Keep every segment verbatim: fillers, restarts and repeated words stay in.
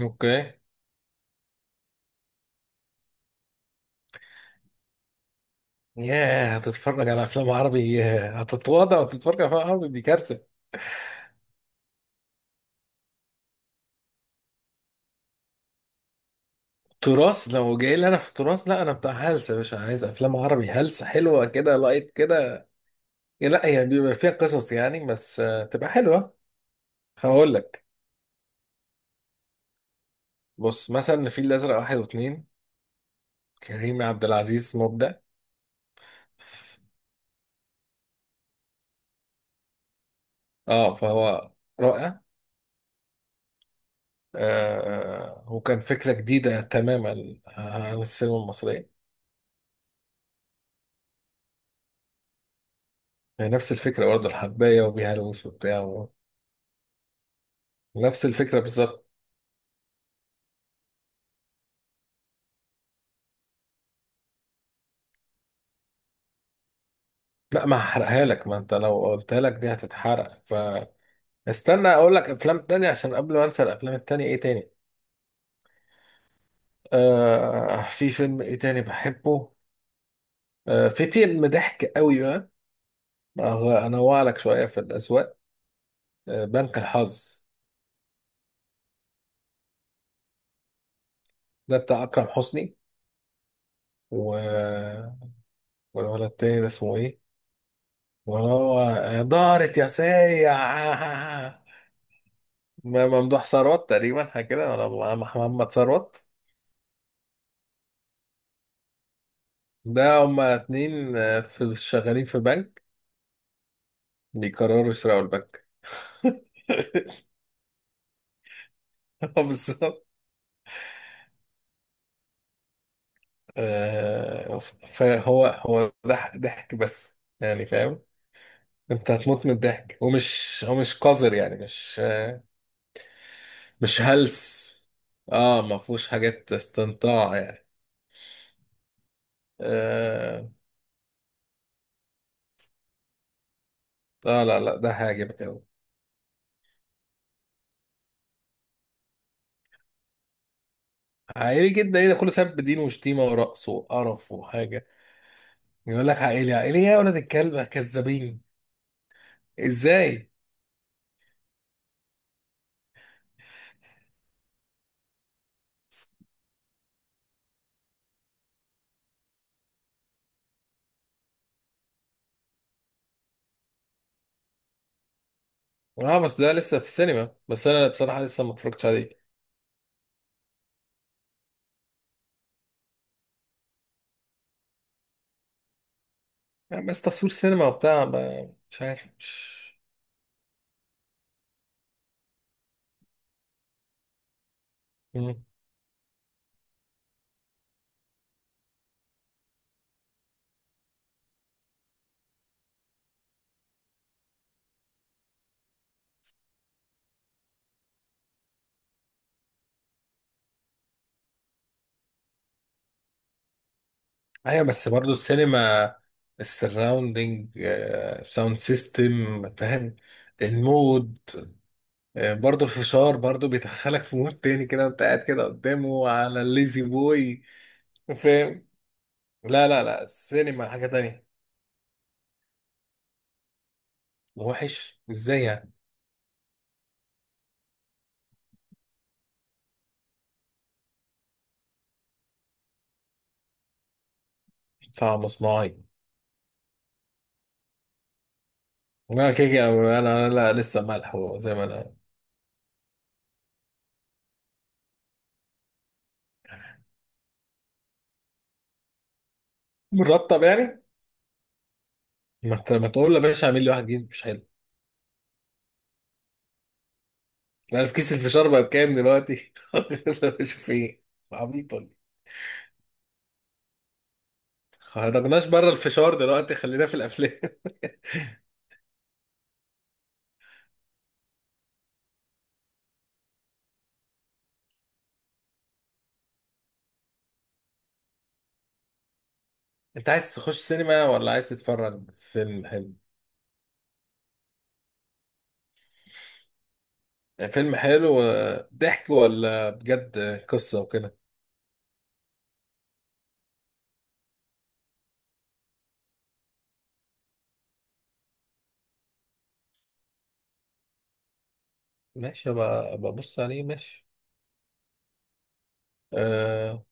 اوكي. ياه، هتتفرج على افلام عربي؟ ياه، هتتواضع وتتفرج على افلام عربي؟ دي كارثه. تراث؟ لو جاي لي انا في تراث، لا انا بتاع هلسه، مش عايز افلام عربي. هلسه حلوه كده، لايت كده. لا، هي بيبقى فيها قصص يعني، بس آه، تبقى حلوه. هقول لك. بص مثلا الفيل الازرق واحد واثنين. كريم عبد العزيز مبدع. اه، فهو رائع. آه، وكان فكره جديده تماما عن السينما المصريه. يعني نفس الفكره برضه، الحبايه وبيها الوس وبتاع. نفس الفكرة بالظبط. لا، ما هحرقها لك، ما انت لو قلتها لك دي هتتحرق. فاستنى اقول لك افلام تانية عشان قبل ما انسى. الافلام التانية ايه تاني؟ آه، في فيلم ايه تاني بحبه. آه، في فيلم ضحك قوي بقى. آه، انوع لك شوية في الاذواق. آه، بنك الحظ. ده بتاع اكرم حسني، و والولد التاني ده اسمه ايه؟ وهو، آه، دارت يا سيع. ممدوح ثروت تقريبا، حاجة كده، ولا محمد ثروت. ده هما اتنين آه، في، شغالين في بنك، بيقرروا يسرقوا البنك. اه بالظبط. آه، فهو هو ضحك ضحك بس، يعني فاهم؟ انت هتموت من الضحك، ومش هو مش قذر يعني، مش آه، مش هلس. اه، ما فيهوش حاجات استنطاع يعني. اه، آه، لا لا، ده هيعجبك قوي. عائلي جدا؟ ايه ده كله؟ سبب دين وشتيمه ورقص وقرف وحاجه، يقول لك عائلي. عائلي يا ولد الكلب؟ كذابين. ازاي؟ اه، بس ده لسه في السينما، بس انا بصراحة لسه ما اتفرجتش عليه. يعني بس تصوير سينما وبتاع، ب- مش عارف مش. مم. ايوه، بس برضو السينما، السراوندينج، ساوند سيستم، فاهم؟ المود. آه، برضو الفشار برضو بيدخلك في مود تاني كده، وانت قاعد كده قدامه على الليزي بوي، فاهم؟ لا لا لا، السينما حاجة تانية. وحش ازاي يعني؟ طعم صناعي؟ لا، كيكي انا، أنا- لا، لسه ملح زي ما انا. مرتب يعني؟ ما انت ما تقول يا باشا، اعمل لي واحد جديد مش حلو. انا في كيس الفشار بقى بكام دلوقتي؟ لا، مش فين. عبيط ولا إيه؟ خرجناش بره، الفشار دلوقتي، خلينا في الافلام. انت عايز تخش سينما ولا عايز تتفرج فيلم حلو؟ فيلم حلو آه، ضحك، ولا بجد آه، قصة وكده؟ ماشي بقى، ببص عليه، ماشي. أه.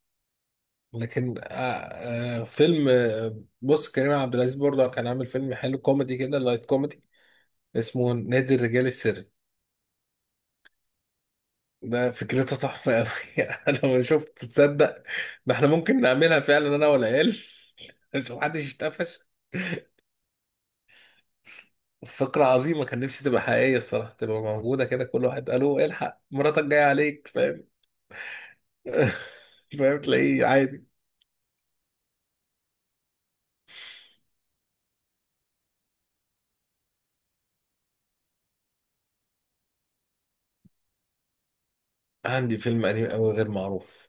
لكن آه آه فيلم، آه، بص، كريم عبد العزيز برضه كان عامل فيلم حلو، كوميدي كده، لايت كوميدي، اسمه نادي الرجال السري. ده فكرتها تحفة أوي. أنا ما شفت، تصدق؟ ده إحنا ممكن نعملها فعلا، أنا والعيال. عشان محدش يتقفش. فكرة عظيمة، كان نفسي تبقى حقيقية الصراحة، تبقى موجودة كده، كل واحد قالوا الحق مراتك جاية عليك، فاهم؟ فاهم، تلاقيه عادي. عندي فيلم قديم أوي غير معروف.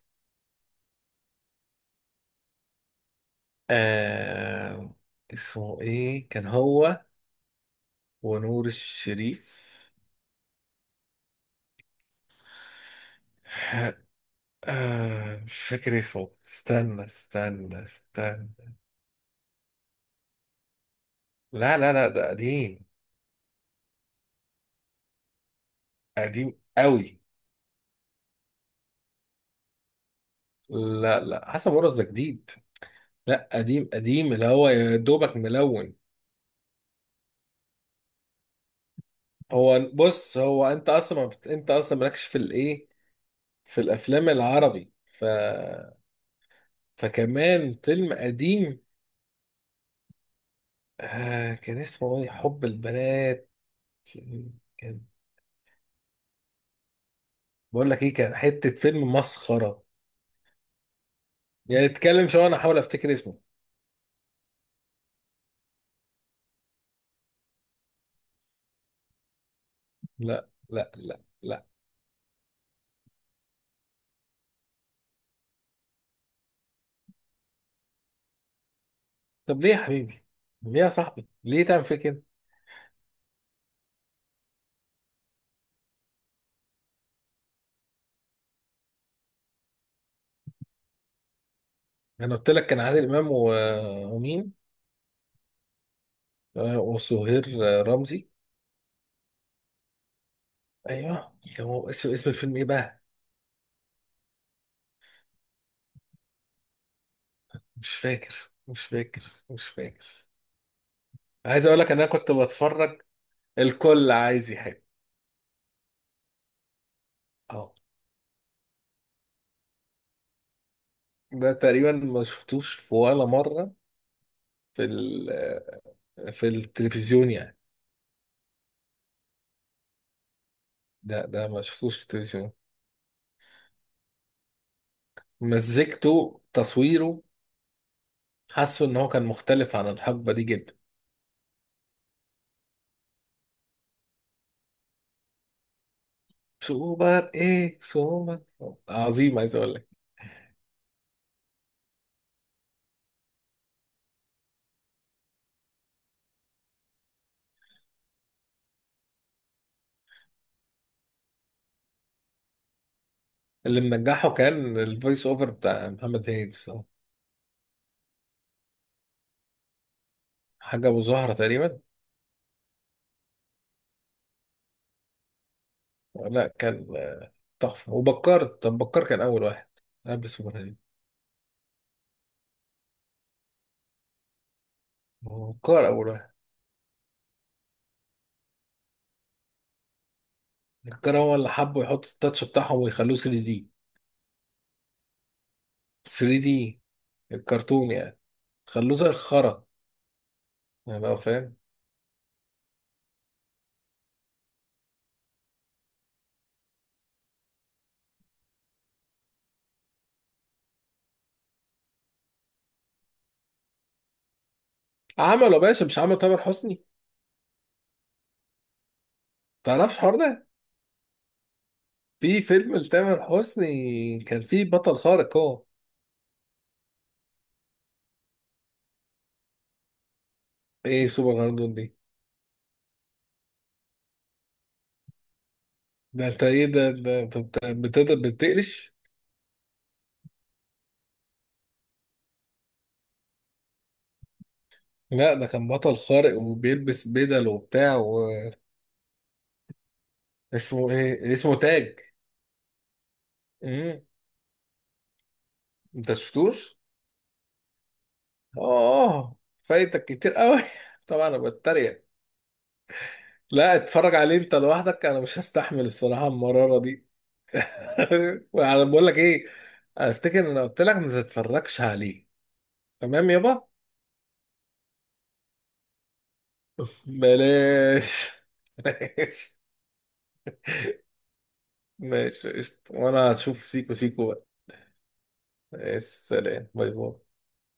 آه... اسمه إيه، كان هو ونور الشريف. آه... مش فاكر اسمه، استنى استنى استنى. لا لا لا، ده قديم. قديم قوي. لا لا، حسن مرقص ده جديد. لا، قديم، قديم، اللي هو يا دوبك ملون. هو بص، هو انت اصلا ما بت- انت اصلا مالكش في الايه، في الافلام العربي، ف فكمان فيلم قديم. آه، كان اسمه ايه، حب البنات. كان، بقول لك ايه، كان حتة فيلم مسخرة يعني. اتكلم شوية انا احاول افتكر اسمه. لا لا لا لا. طب ليه يا حبيبي؟ ليه يا صاحبي؟ ليه تعمل فيك كده؟ انا قلت لك كان عادل امام و... ومين؟ آه، وسهير آه، رمزي. ايوه، كان هو. اسم اسم الفيلم ايه بقى؟ مش فاكر مش فاكر مش فاكر عايز اقول لك ان انا كنت بتفرج. الكل عايز يحب. اه، ده تقريبا ما شفتوش في ولا مره، في ال- آه، في التلفزيون يعني. ده ده ما شفتوش في التلفزيون. مزجته، تصويره، حاسه ان هو كان مختلف عن الحقبه دي جدا. سوبر ايه، سوبر؟ عظيم، عايز اقول لك. اللي منجحه كان الفويس اوفر بتاع محمد هيدس. حاجة أبو زهرة تقريبا. لا، كان آه، تحفة، وبكار. طب بكار كان أول واحد، قبل سوبر هيرو. هو بكار أول واحد. بكار هو اللي حبوا يحطوا التاتش بتاعهم ويخلوه ثري دي. ثري دي الكرتون يعني، خلوه زي الخرا يعني، هو فاهم. عمله يا باشا، مش عمل تامر حسني؟ تعرفش الحوار ده؟ في فيلم لتامر حسني كان فيه بطل خارق هو. ايه سوبر هيرو دي؟ ده انت ايه ده؟ ده انت بت- بتقدر بتقلش. لا، ده كان بطل خارق، وبيلبس بدل وبتاع، اسمه ايه، اسمه تاج. امم. انت شفتوش؟ اه، فايتك كتير قوي. طبعا انا بتريق. لا، اتفرج عليه انت لوحدك، انا مش هستحمل الصراحه المراره دي. انا بقول لك ايه، انا افتكر ان انا قلت لك ما تتفرجش عليه. تمام يابا. بلاش. ماشي. ماشي، قشطة. وانا هشوف سيكو سيكو بقى. ماشي، سلام، باي باي.